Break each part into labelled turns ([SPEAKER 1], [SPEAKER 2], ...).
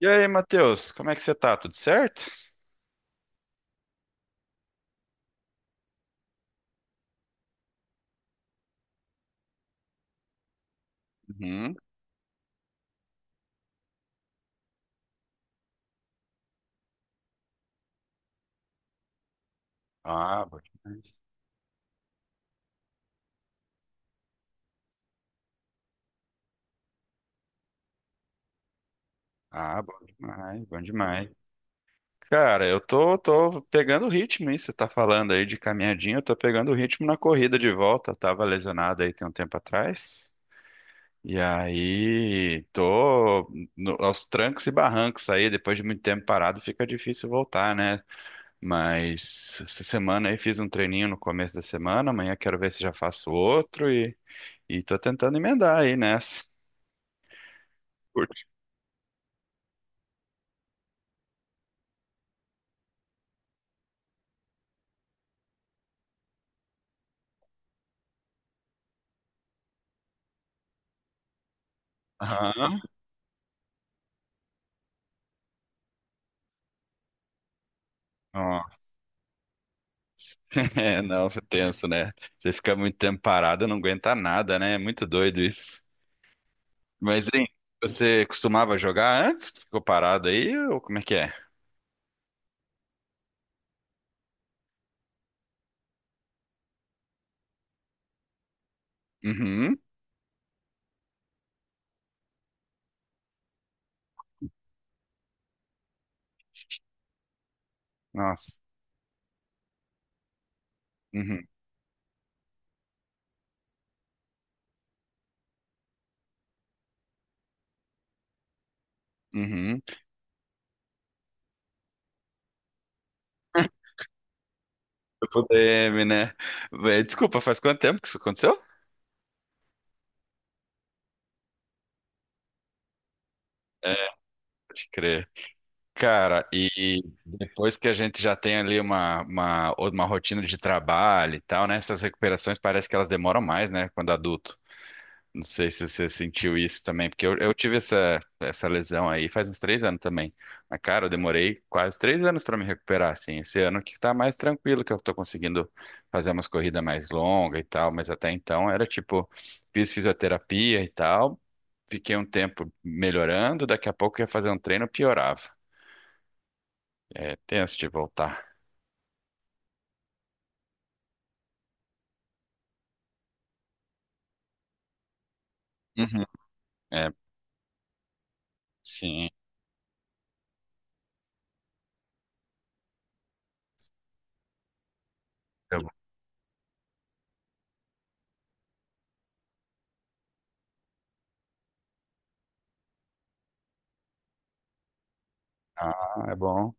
[SPEAKER 1] E aí, Matheus, como é que você tá? Tudo certo? Uhum. Ah, bom demais. Ah, bom demais, bom demais. Cara, eu tô pegando o ritmo, hein? Você tá falando aí de caminhadinha, eu tô pegando o ritmo na corrida de volta. Eu tava lesionado aí tem um tempo atrás. E aí, tô aos trancos e barrancos aí, depois de muito tempo parado, fica difícil voltar, né? Mas essa semana aí fiz um treininho no começo da semana, amanhã quero ver se já faço outro e tô tentando emendar aí nessa. Curte. Aham. Nossa. É, não, é tenso, né? Você fica muito tempo parado, não aguenta nada, né? É muito doido isso. Mas, hein, você costumava jogar antes? Ficou parado aí? Ou como é que é? Uhum. Nossa. Uhum. Uhum. O DM, né? Vé, desculpa, faz quanto tempo que isso aconteceu? É, pode crer. Cara, e depois que a gente já tem ali uma rotina de trabalho e tal, né? Essas recuperações parece que elas demoram mais, né? Quando adulto. Não sei se você sentiu isso também, porque eu tive essa lesão aí faz uns 3 anos também. Mas, cara, eu demorei quase 3 anos para me recuperar, assim. Esse ano que tá mais tranquilo, que eu tô conseguindo fazer umas corridas mais longas e tal, mas até então era tipo, fiz fisioterapia e tal, fiquei um tempo melhorando, daqui a pouco eu ia fazer um treino, piorava. É tenso de voltar. Uhum. É, sim. Eu- Ah, é bom.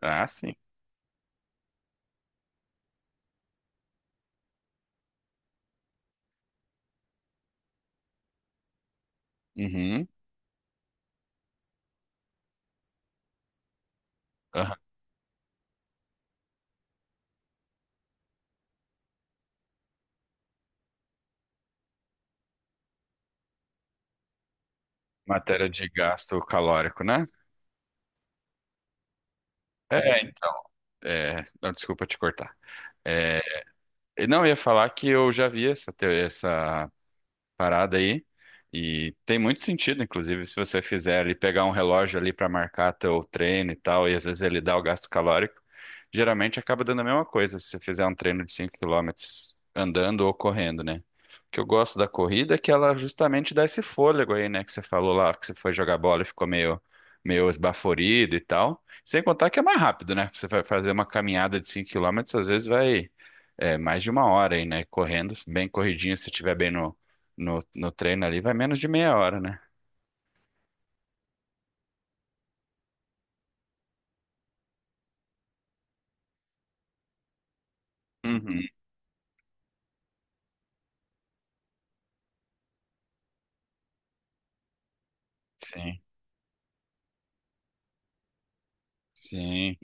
[SPEAKER 1] Ah, sim. Uhum. Aham. Matéria de gasto calórico, né? É, então, é, não, desculpa te cortar. É, não, eu ia falar que eu já vi essa parada aí. E tem muito sentido, inclusive, se você fizer ali, pegar um relógio ali para marcar teu treino e tal, e às vezes ele dá o gasto calórico, geralmente acaba dando a mesma coisa se você fizer um treino de 5 quilômetros andando ou correndo, né? O que eu gosto da corrida é que ela justamente dá esse fôlego aí, né? Que você falou lá, que você foi jogar bola e ficou meio, meio esbaforido e tal. Sem contar que é mais rápido, né? Você vai fazer uma caminhada de 5 quilômetros às vezes vai é, mais de 1 hora aí, né? Correndo, bem corridinho, se estiver bem no, treino ali, vai menos de meia hora, né? Uhum, sim, sim.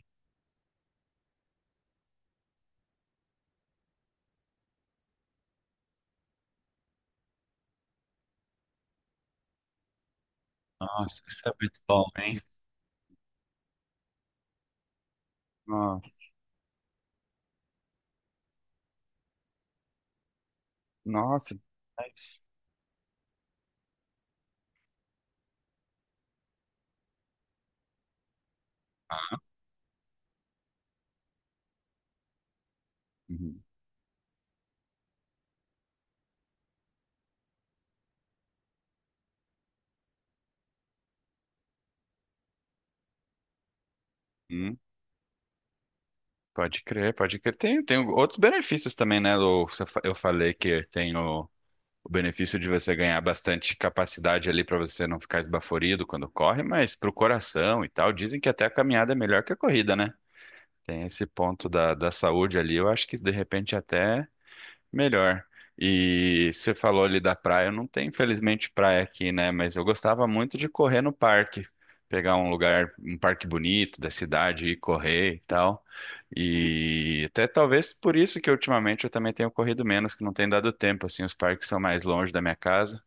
[SPEAKER 1] Nossa, isso é muito bom, hein? Nossa, nossa, demais. Uhum. Hum, pode crer, pode crer. Tem, tem outros benefícios também, né, Lu? Você fa- Eu falei que tem o benefício de você ganhar bastante capacidade ali para você não ficar esbaforido quando corre, mas pro coração e tal, dizem que até a caminhada é melhor que a corrida, né? Tem esse ponto da saúde ali, eu acho que de repente até melhor. E você falou ali da praia, não tem infelizmente praia aqui, né? Mas eu gostava muito de correr no parque, pegar um lugar, um parque bonito da cidade, e correr e tal. E até talvez por isso que ultimamente eu também tenho corrido menos, que não tem dado tempo, assim, os parques são mais longe da minha casa.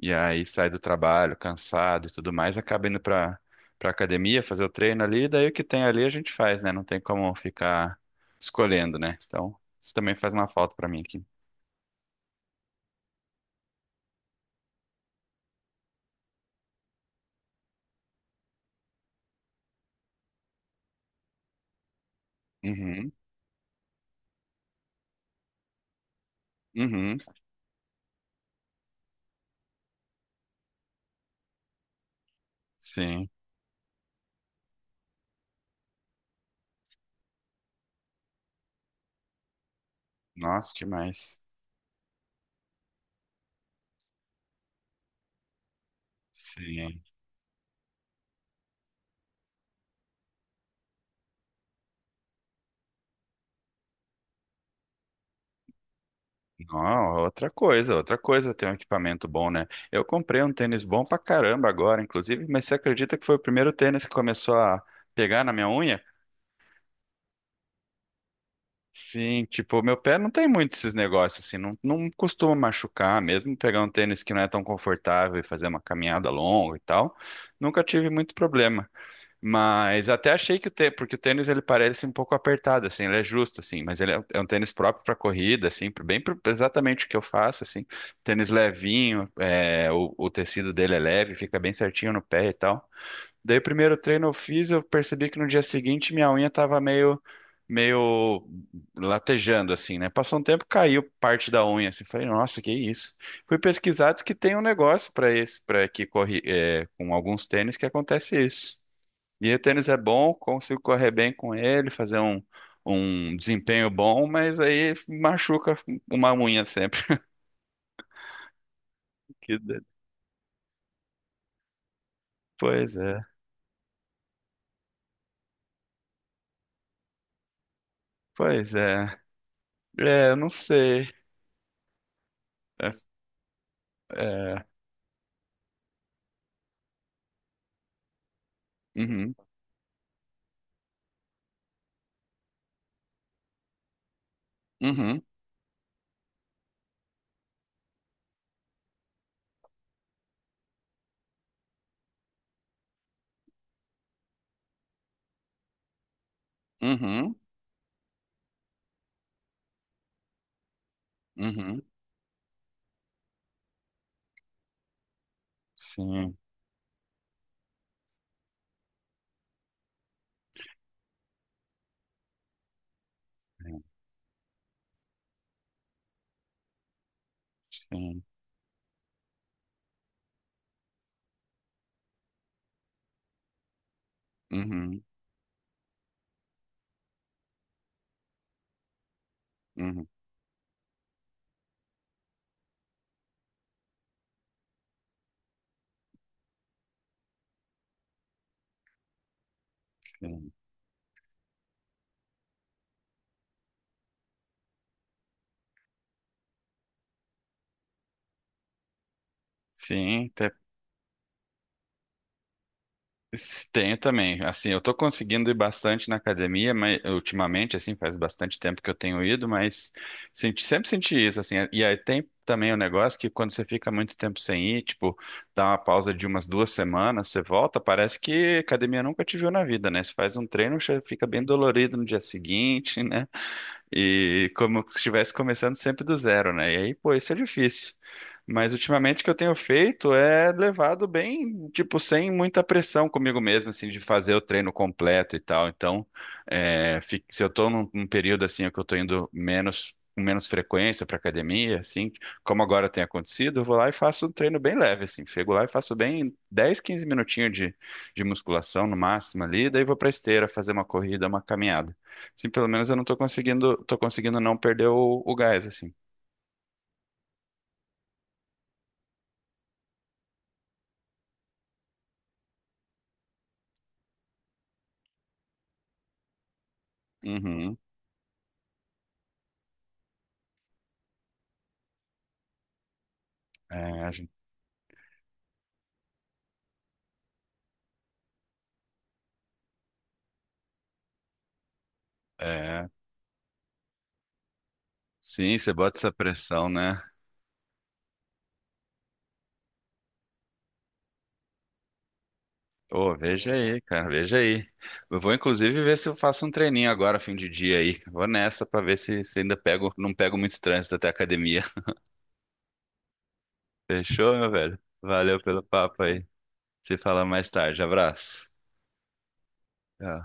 [SPEAKER 1] E aí sai do trabalho, cansado e tudo mais, acaba indo pra academia, fazer o treino ali, e daí o que tem ali a gente faz, né? Não tem como ficar escolhendo, né? Então, isso também faz uma falta pra mim aqui. Uhum, uhum, sim. Nossa, demais. Sim. Não, outra coisa ter um equipamento bom, né? Eu comprei um tênis bom pra caramba agora, inclusive, mas você acredita que foi o primeiro tênis que começou a pegar na minha unha? Sim, tipo, meu pé não tem muito esses negócios, assim, não, não costuma machucar, mesmo pegar um tênis que não é tão confortável e fazer uma caminhada longa e tal, nunca tive muito problema. Mas até achei que o tênis, porque o tênis ele parece um pouco apertado, assim, ele é justo, assim, mas ele é um tênis próprio para corrida, assim, exatamente o que eu faço, assim, tênis levinho, é, o tecido dele é leve, fica bem certinho no pé e tal. Daí o primeiro treino eu fiz, eu percebi que no dia seguinte minha unha tava meio latejando, assim, né? Passou um tempo, caiu parte da unha, assim, falei, nossa, que isso? Fui pesquisar, diz que tem um negócio para esse, para que corre, é, com alguns tênis que acontece isso. E o tênis é bom, consigo correr bem com ele, fazer um desempenho bom, mas aí machuca uma unha sempre. Que de- Pois é, pois é. É, eu não sei. É, é, uhum, uhum, uhum, uhum. Sim, sim, uhum, uhum, sim. Sim, tenho também. Assim, eu tô conseguindo ir bastante na academia, mas ultimamente, assim, faz bastante tempo que eu tenho ido, mas sempre senti isso, assim. E aí tem também o negócio que quando você fica muito tempo sem ir, tipo, dá uma pausa de umas 2 semanas, você volta, parece que academia nunca te viu na vida, né? Você faz um treino, você fica bem dolorido no dia seguinte, né? E como se estivesse começando sempre do zero, né? E aí, pô, isso é difícil. Mas ultimamente o que eu tenho feito é levado bem, tipo, sem muita pressão comigo mesmo, assim, de fazer o treino completo e tal. Então, é, se eu tô num período assim, que eu tô indo menos, com menos frequência pra academia, assim, como agora tem acontecido, eu vou lá e faço um treino bem leve, assim. Chego lá e faço bem 10, 15 minutinhos de musculação no máximo ali, daí vou pra esteira fazer uma corrida, uma caminhada. Sim, pelo menos eu não tô conseguindo, tô conseguindo não perder o gás, assim. Uhum. É, a gente- é. Sim, você bota essa pressão, né? Ô, veja aí, cara, veja aí. Eu vou inclusive ver se eu faço um treininho agora, fim de dia aí. Vou nessa pra ver se ainda pego, não pego muito trânsito até a academia. Fechou, meu velho? Valeu pelo papo aí. Se fala mais tarde. Abraço. Tchau.